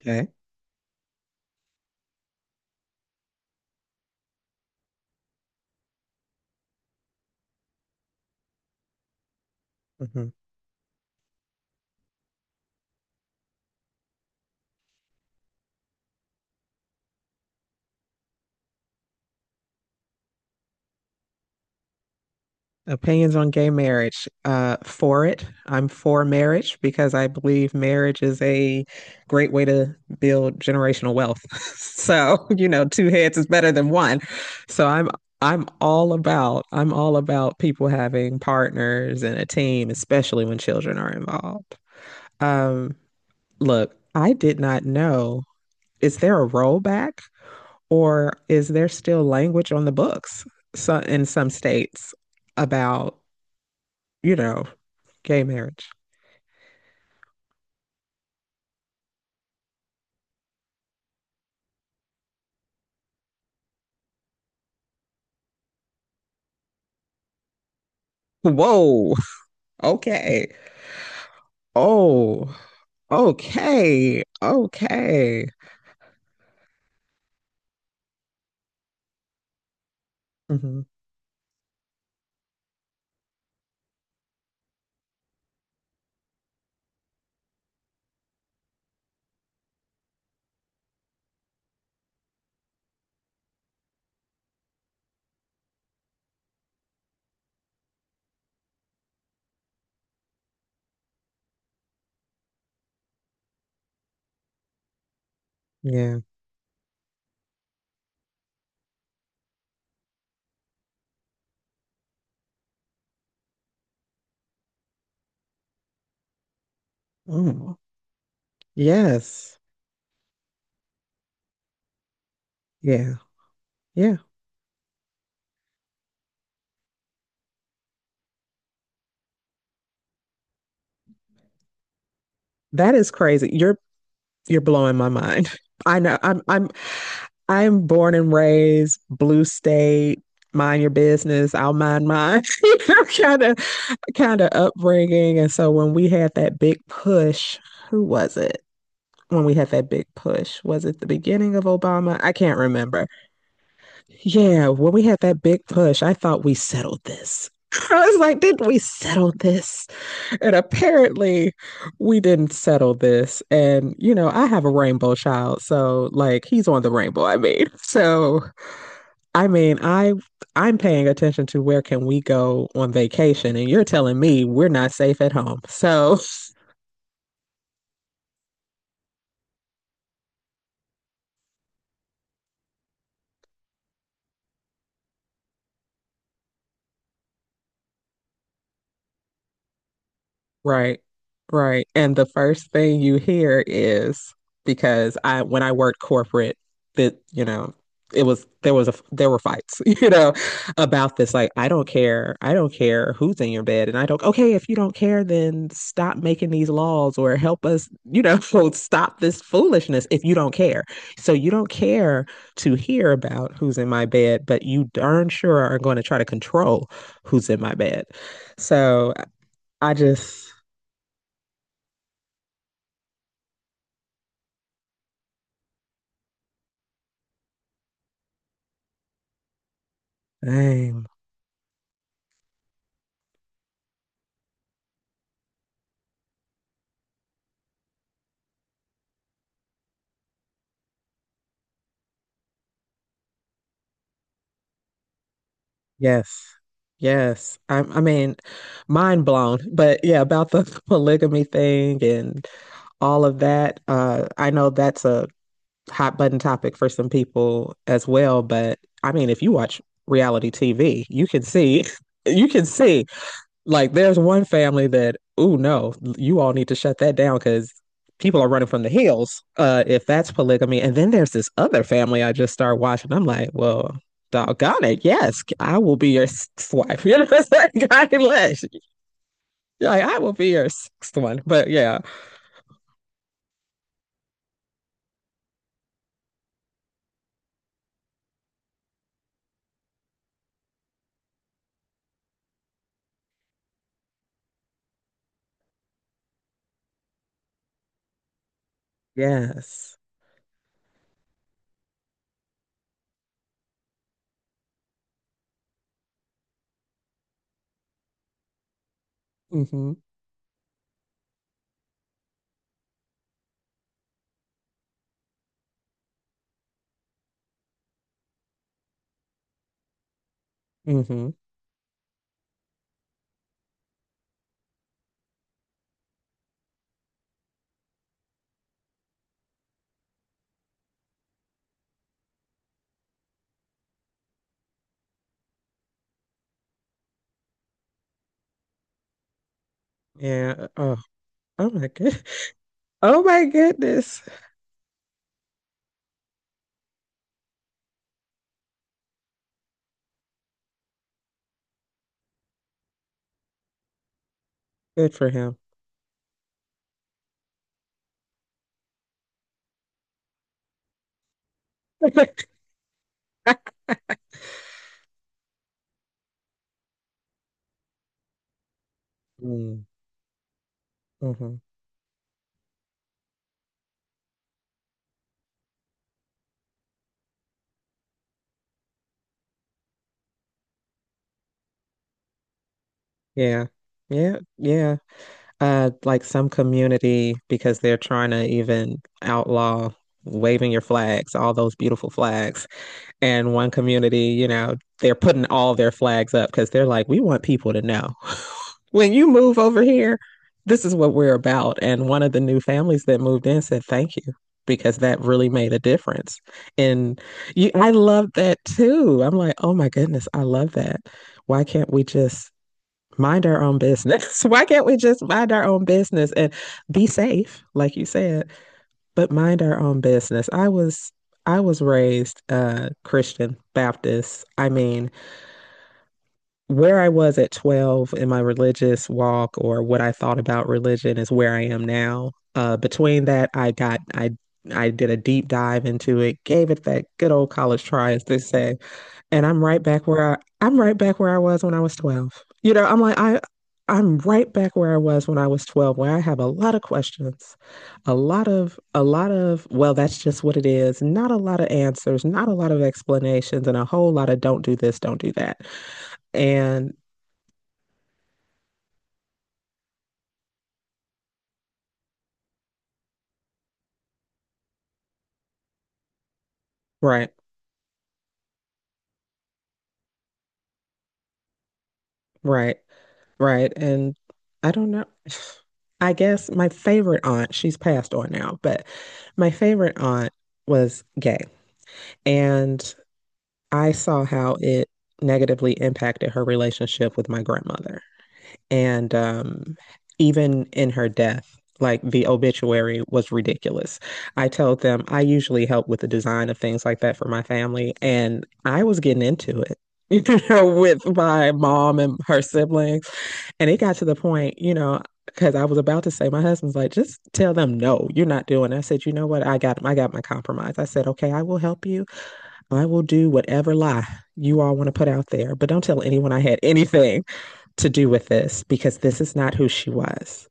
Okay. Mhm. Opinions on gay marriage. For it. I'm for marriage because I believe marriage is a great way to build generational wealth. So, you know, two heads is better than one. So I'm I'm all about people having partners and a team, especially when children are involved. Um, Look, I did not know. Is there a rollback? Or is there still language on the books so, in some states about, you know, gay marriage? Whoa. Okay. Oh, okay. Okay. Hmm. Yeah. Mm. Yes. Yeah. Yeah. That is crazy. You're blowing my mind. I know. I'm born and raised blue state. Mind your business. I'll mind mine. Kind of upbringing. And so when we had that big push, who was it? When we had that big push, was it the beginning of Obama? I can't remember. Yeah, when we had that big push, I thought we settled this. I was like, did we settle this? And apparently, we didn't settle this. And, you know, I have a rainbow child. So, like, he's on the rainbow, I mean. So, I I'm paying attention to where can we go on vacation, and you're telling me we're not safe at home. So, right. Right. And the first thing you hear is because I when I worked corporate, that you know it was there was a there were fights, you know, about this. Like, I don't care. I don't care who's in your bed, and I don't. Okay, if you don't care, then stop making these laws or help us, you know, stop this foolishness if you don't care. So you don't care to hear about who's in my bed, but you darn sure are going to try to control who's in my bed. So I just Dang. Yes. Yes, I mean, mind blown. But yeah, about the polygamy thing and all of that, I know that's a hot button topic for some people as well. But I mean, if you watch reality TV, you can you can see. Like, there's one family that, oh no, you all need to shut that down because people are running from the hills, if that's polygamy. And then there's this other family I just started watching. I'm like, well, doggone it, yes, I will be your sixth wife. You know what I'm saying? God bless. Like, I will be your sixth one. But yeah, yes. Mm-hmm. Mm-hmm. Yeah. Oh. Oh my good. Oh my goodness. Good for him. Mm, mhm. Yeah. Yeah. Yeah. Like some community because they're trying to even outlaw waving your flags, all those beautiful flags. And one community, you know, they're putting all their flags up because they're like, we want people to know when you move over here, this is what we're about. And one of the new families that moved in said, thank you because that really made a difference. And you, I love that too. I'm like, oh my goodness, I love that. Why can't we just mind our own business? Why can't we just mind our own business and be safe, like you said? But mind our own business. I was raised Christian Baptist. I mean, where I was at 12 in my religious walk or what I thought about religion is where I am now. Between that, I got I did a deep dive into it, gave it that good old college try, as they say. And I'm right back where I was when I was 12. You know, I'm right back where I was when I was 12, where I have a lot of questions, a lot of well, that's just what it is, not a lot of answers, not a lot of explanations, and a whole lot of don't do this, don't do that. And right, right, right. And I don't know. I guess my favorite aunt, she's passed on now, but my favorite aunt was gay. And I saw how it negatively impacted her relationship with my grandmother. And even in her death, like the obituary was ridiculous. I told them I usually help with the design of things like that for my family, and I was getting into it. You know, with my mom and her siblings. And it got to the point, you know, because I was about to say, my husband's like, just tell them no, you're not doing. It." I said, you know what? I got my compromise. I said, okay, I will help you. I will do whatever lie you all want to put out there, but don't tell anyone I had anything to do with this because this is not who she was.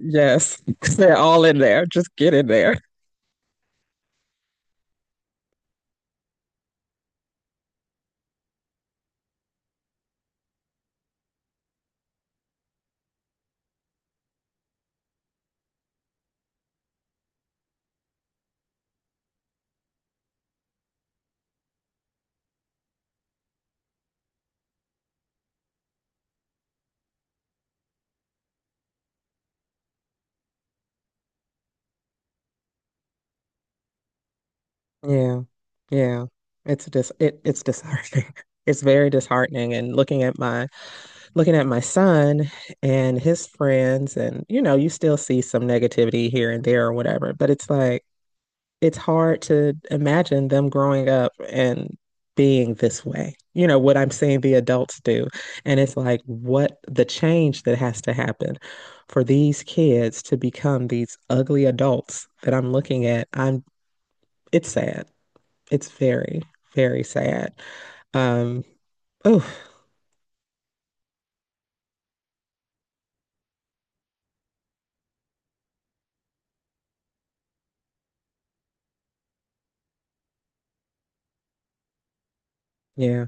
Yes, they're all in there. Just get in there. Yeah, yeah. It's disheartening. It's very disheartening. And looking at my son and his friends, and you know, you still see some negativity here and there or whatever, but it's like it's hard to imagine them growing up and being this way. You know, what I'm seeing the adults do. And it's like what the change that has to happen for these kids to become these ugly adults that I'm looking at. I'm it's sad. It's very, very sad. Um, oh, yeah,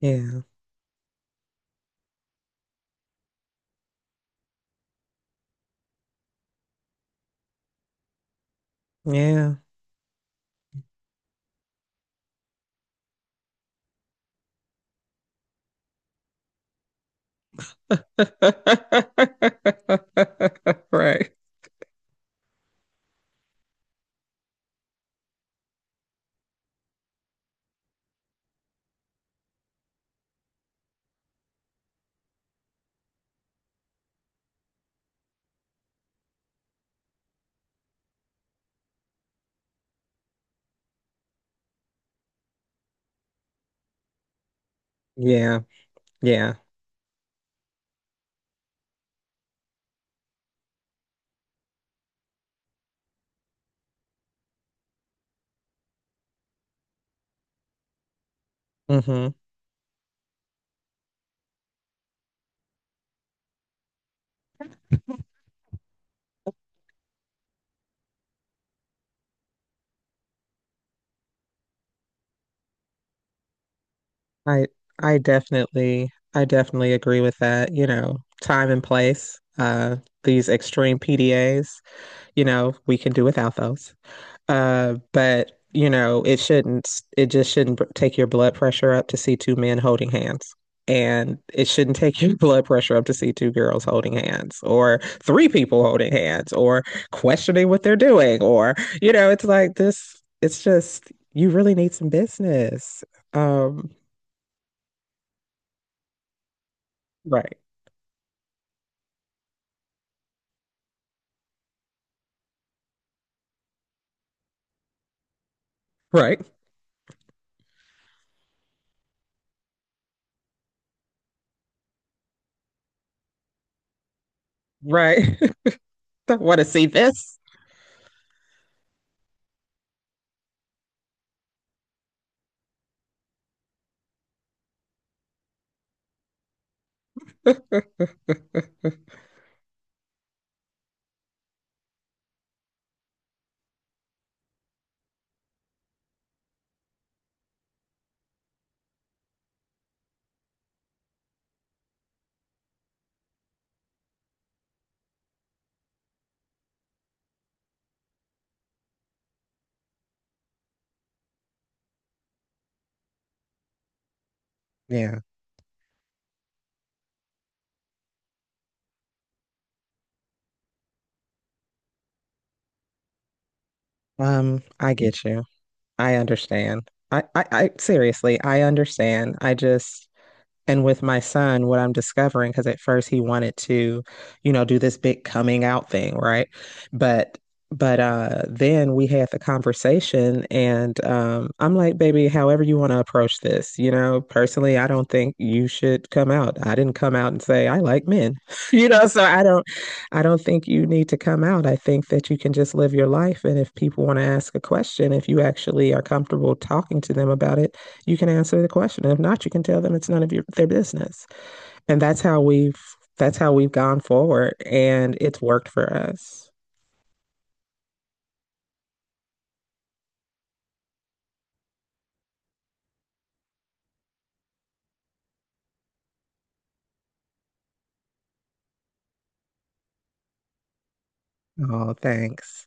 yeah, yeah. Right. Yeah, yeah. Hmm. I I definitely agree with that. You know, time and place. These extreme PDAs. You know, we can do without those. But you know, it shouldn't. It just shouldn't take your blood pressure up to see two men holding hands. And it shouldn't take your blood pressure up to see two girls holding hands or three people holding hands or questioning what they're doing. Or, you know, it's like this, it's just, you really need some business. Um, right. Right. Right. I want to see this. Yeah. I get you. I understand. I seriously, I understand. I just. And with my son, what I'm discovering, because at first he wanted to, you know, do this big coming out thing, right? But then we had the conversation, and I'm like, baby, however you want to approach this, you know, personally, I don't think you should come out. I didn't come out and say I like men. You know, so I don't think you need to come out. I think that you can just live your life, and if people want to ask a question, if you actually are comfortable talking to them about it, you can answer the question. If not, you can tell them it's none of your, their business. And that's how we've gone forward, and it's worked for us. Oh, thanks.